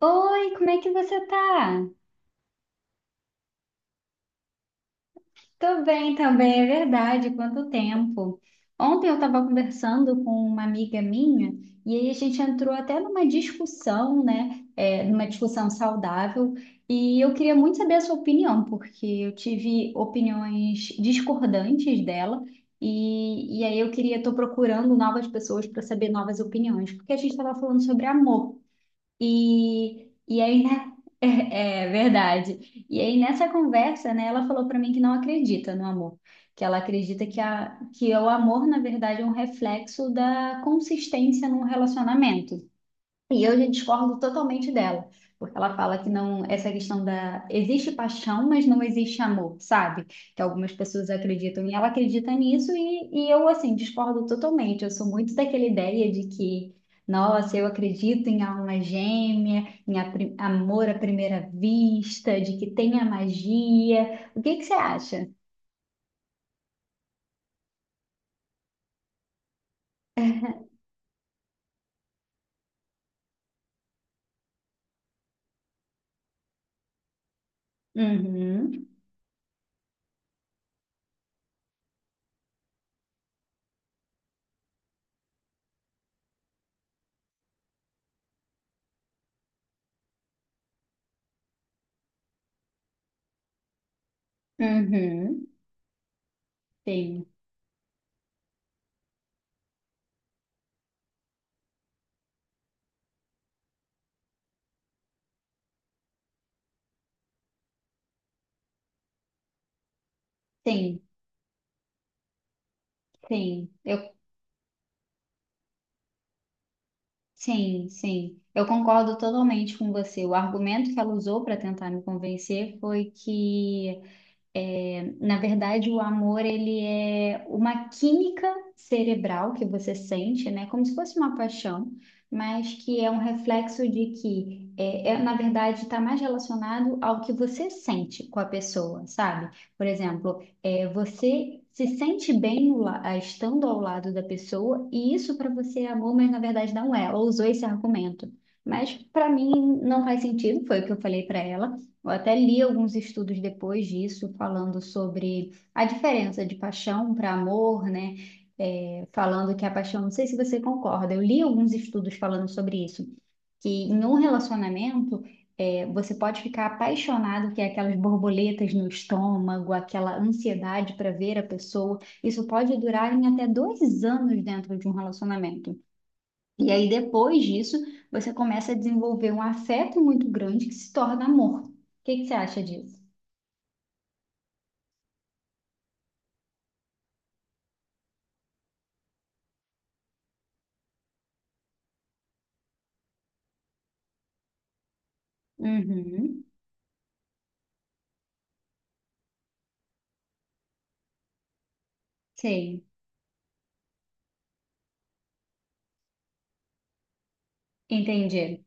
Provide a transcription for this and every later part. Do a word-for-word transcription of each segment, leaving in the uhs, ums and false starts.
Oi, como é que você tá? Tô bem também, é verdade, quanto tempo. Ontem eu estava conversando com uma amiga minha e aí a gente entrou até numa discussão, né, é, numa discussão saudável, e eu queria muito saber a sua opinião, porque eu tive opiniões discordantes dela, e, e aí eu queria, tô procurando novas pessoas para saber novas opiniões, porque a gente estava falando sobre amor. E, e aí, né? É, é verdade. E aí, nessa conversa, né, ela falou para mim que não acredita no amor, que ela acredita que, a, que o amor, na verdade, é um reflexo da consistência num relacionamento, e eu já discordo totalmente dela, porque ela fala que não, essa questão da existe paixão, mas não existe amor, sabe? Que algumas pessoas acreditam e ela acredita nisso e, e eu assim discordo totalmente. Eu sou muito daquela ideia de que, nossa, eu acredito em alma gêmea, em a pri- amor à primeira vista, de que tem a magia. O que que você acha? Uhum, uhum, sim, sim, sim. Eu Sim, sim. Eu concordo totalmente com você. O argumento que ela usou para tentar me convencer foi que é, na verdade, o amor, ele é uma química cerebral que você sente, né? Como se fosse uma paixão, mas que é um reflexo de que, é, é, na verdade, está mais relacionado ao que você sente com a pessoa, sabe? Por exemplo, é, você se sente bem no la- ah, estando ao lado da pessoa, e isso para você é amor, mas na verdade não é. Ela usou esse argumento. Mas para mim não faz sentido, foi o que eu falei para ela. Eu até li alguns estudos depois disso, falando sobre a diferença de paixão para amor, né? É, falando que a paixão, não sei se você concorda, eu li alguns estudos falando sobre isso, que em um relacionamento, é, você pode ficar apaixonado, que é aquelas borboletas no estômago, aquela ansiedade para ver a pessoa, isso pode durar em até dois anos dentro de um relacionamento. E aí, depois disso, você começa a desenvolver um afeto muito grande que se torna amor. O que que você acha disso? Uhum. Sim, entendi.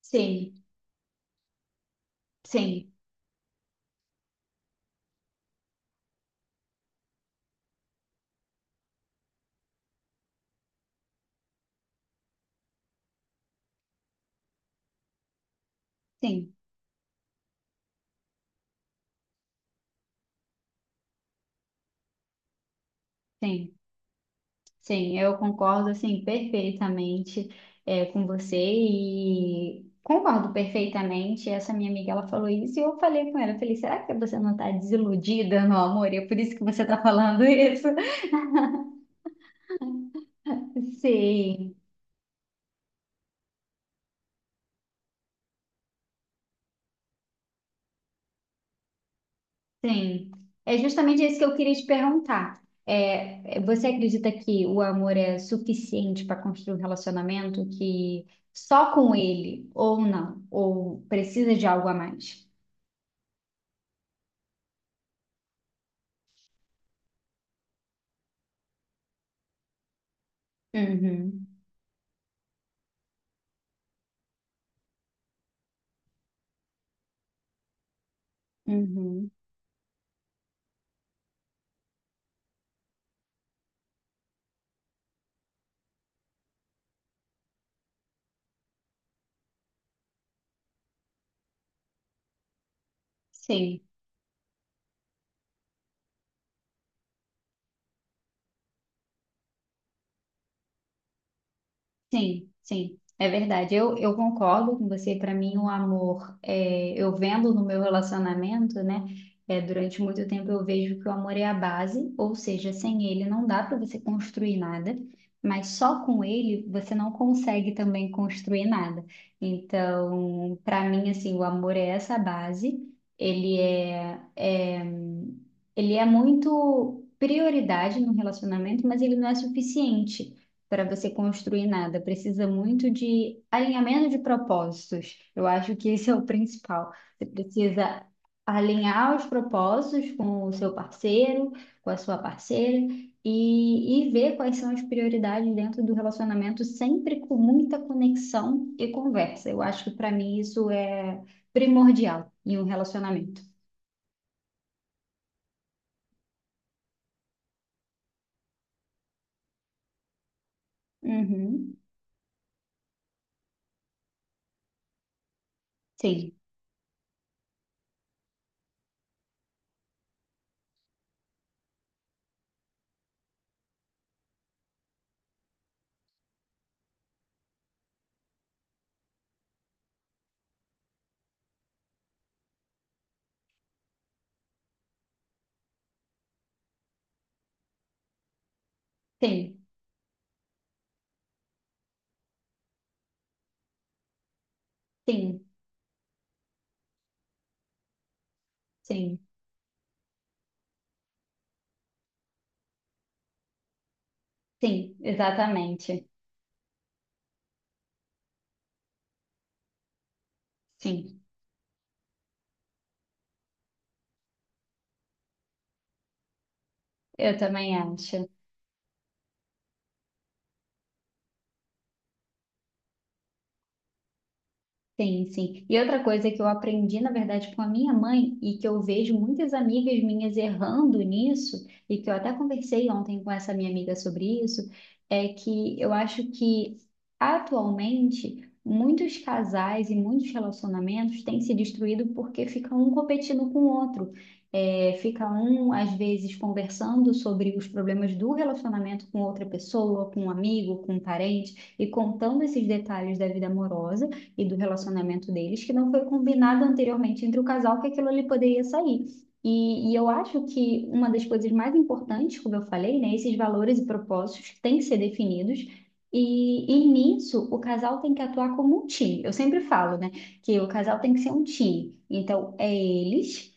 Sim, sim, sim, sim, sim. Eu concordo, assim, perfeitamente é, com você e concordo perfeitamente. Essa minha amiga, ela falou isso e eu falei com ela, eu falei, será que você não está desiludida no amor? E é por isso que você está falando isso? Sim. Sim, é justamente isso que eu queria te perguntar. É, você acredita que o amor é suficiente para construir um relacionamento que só com ele ou não, ou precisa de algo a mais? Uhum, uhum, sim. Sim, sim, é verdade. Eu, eu concordo com você. Para mim, o amor, é, eu vendo no meu relacionamento, né? É, durante muito tempo eu vejo que o amor é a base, ou seja, sem ele não dá para você construir nada, mas só com ele você não consegue também construir nada. Então, para mim, assim, o amor é essa base. Ele é, é, ele é muito prioridade no relacionamento, mas ele não é suficiente para você construir nada. Precisa muito de alinhamento de propósitos. Eu acho que esse é o principal. Você precisa alinhar os propósitos com o seu parceiro, com a sua parceira e, e ver quais são as prioridades dentro do relacionamento, sempre com muita conexão e conversa. Eu acho que para mim isso é primordial em um relacionamento. Uhum. Sim, sim, sim, sim, sim, exatamente. Sim, eu também acho. Sim, sim. E outra coisa que eu aprendi, na verdade, com a minha mãe, e que eu vejo muitas amigas minhas errando nisso, e que eu até conversei ontem com essa minha amiga sobre isso, é que eu acho que atualmente muitos casais e muitos relacionamentos têm se destruído porque fica um competindo com o outro. É, fica um, às vezes, conversando sobre os problemas do relacionamento com outra pessoa, com um amigo, com um parente, e contando esses detalhes da vida amorosa e do relacionamento deles, que não foi combinado anteriormente entre o casal que aquilo ali poderia sair. E, e eu acho que uma das coisas mais importantes, como eu falei, né, esses valores e propósitos têm que ser definidos. E, e nisso, o casal tem que atuar como um time. Eu sempre falo, né, que o casal tem que ser um time. Então, é eles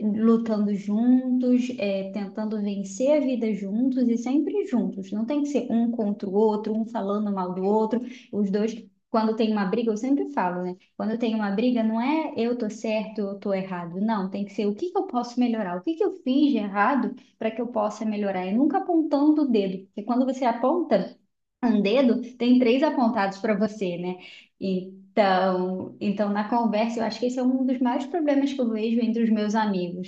lutando juntos, é, tentando vencer a vida juntos e sempre juntos. Não tem que ser um contra o outro, um falando mal do outro, os dois. Quando tem uma briga, eu sempre falo, né? Quando tem uma briga, não é eu tô certo, eu tô errado. Não, tem que ser o que que eu posso melhorar, o que que eu fiz de errado para que eu possa melhorar. E nunca apontando o dedo, porque quando você aponta um dedo, tem três apontados para você, né? E então, então, na conversa, eu acho que esse é um dos maiores problemas que eu vejo entre os meus amigos.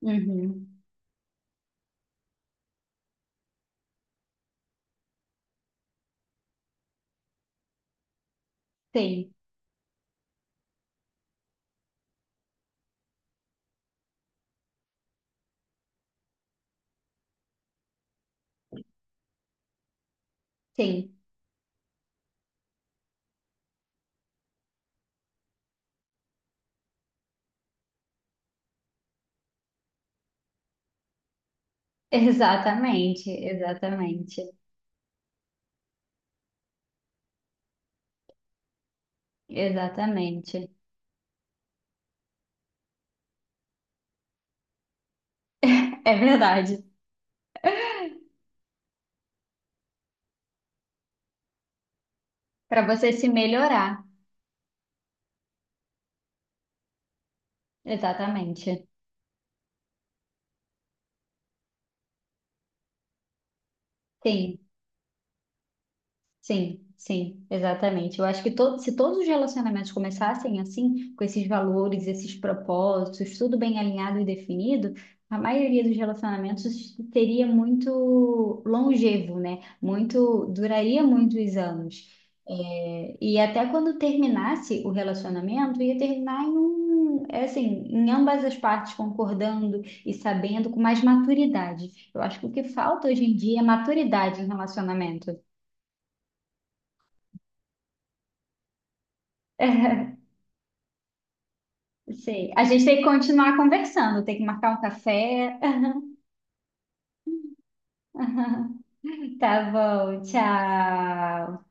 Uhum. Sim, sim. Exatamente, exatamente, exatamente. É verdade. Para você se melhorar. Exatamente. Sim. Sim, sim, exatamente. Eu acho que to- se todos os relacionamentos começassem assim, com esses valores, esses propósitos, tudo bem alinhado e definido, a maioria dos relacionamentos teria muito longevo, né? Muito, duraria muitos anos. É, e até quando terminasse o relacionamento, ia terminar em um, é assim, em ambas as partes concordando e sabendo com mais maturidade. Eu acho que o que falta hoje em dia é maturidade em relacionamento. Sei. A gente tem que continuar conversando, tem que marcar um café. Tá bom, tchau.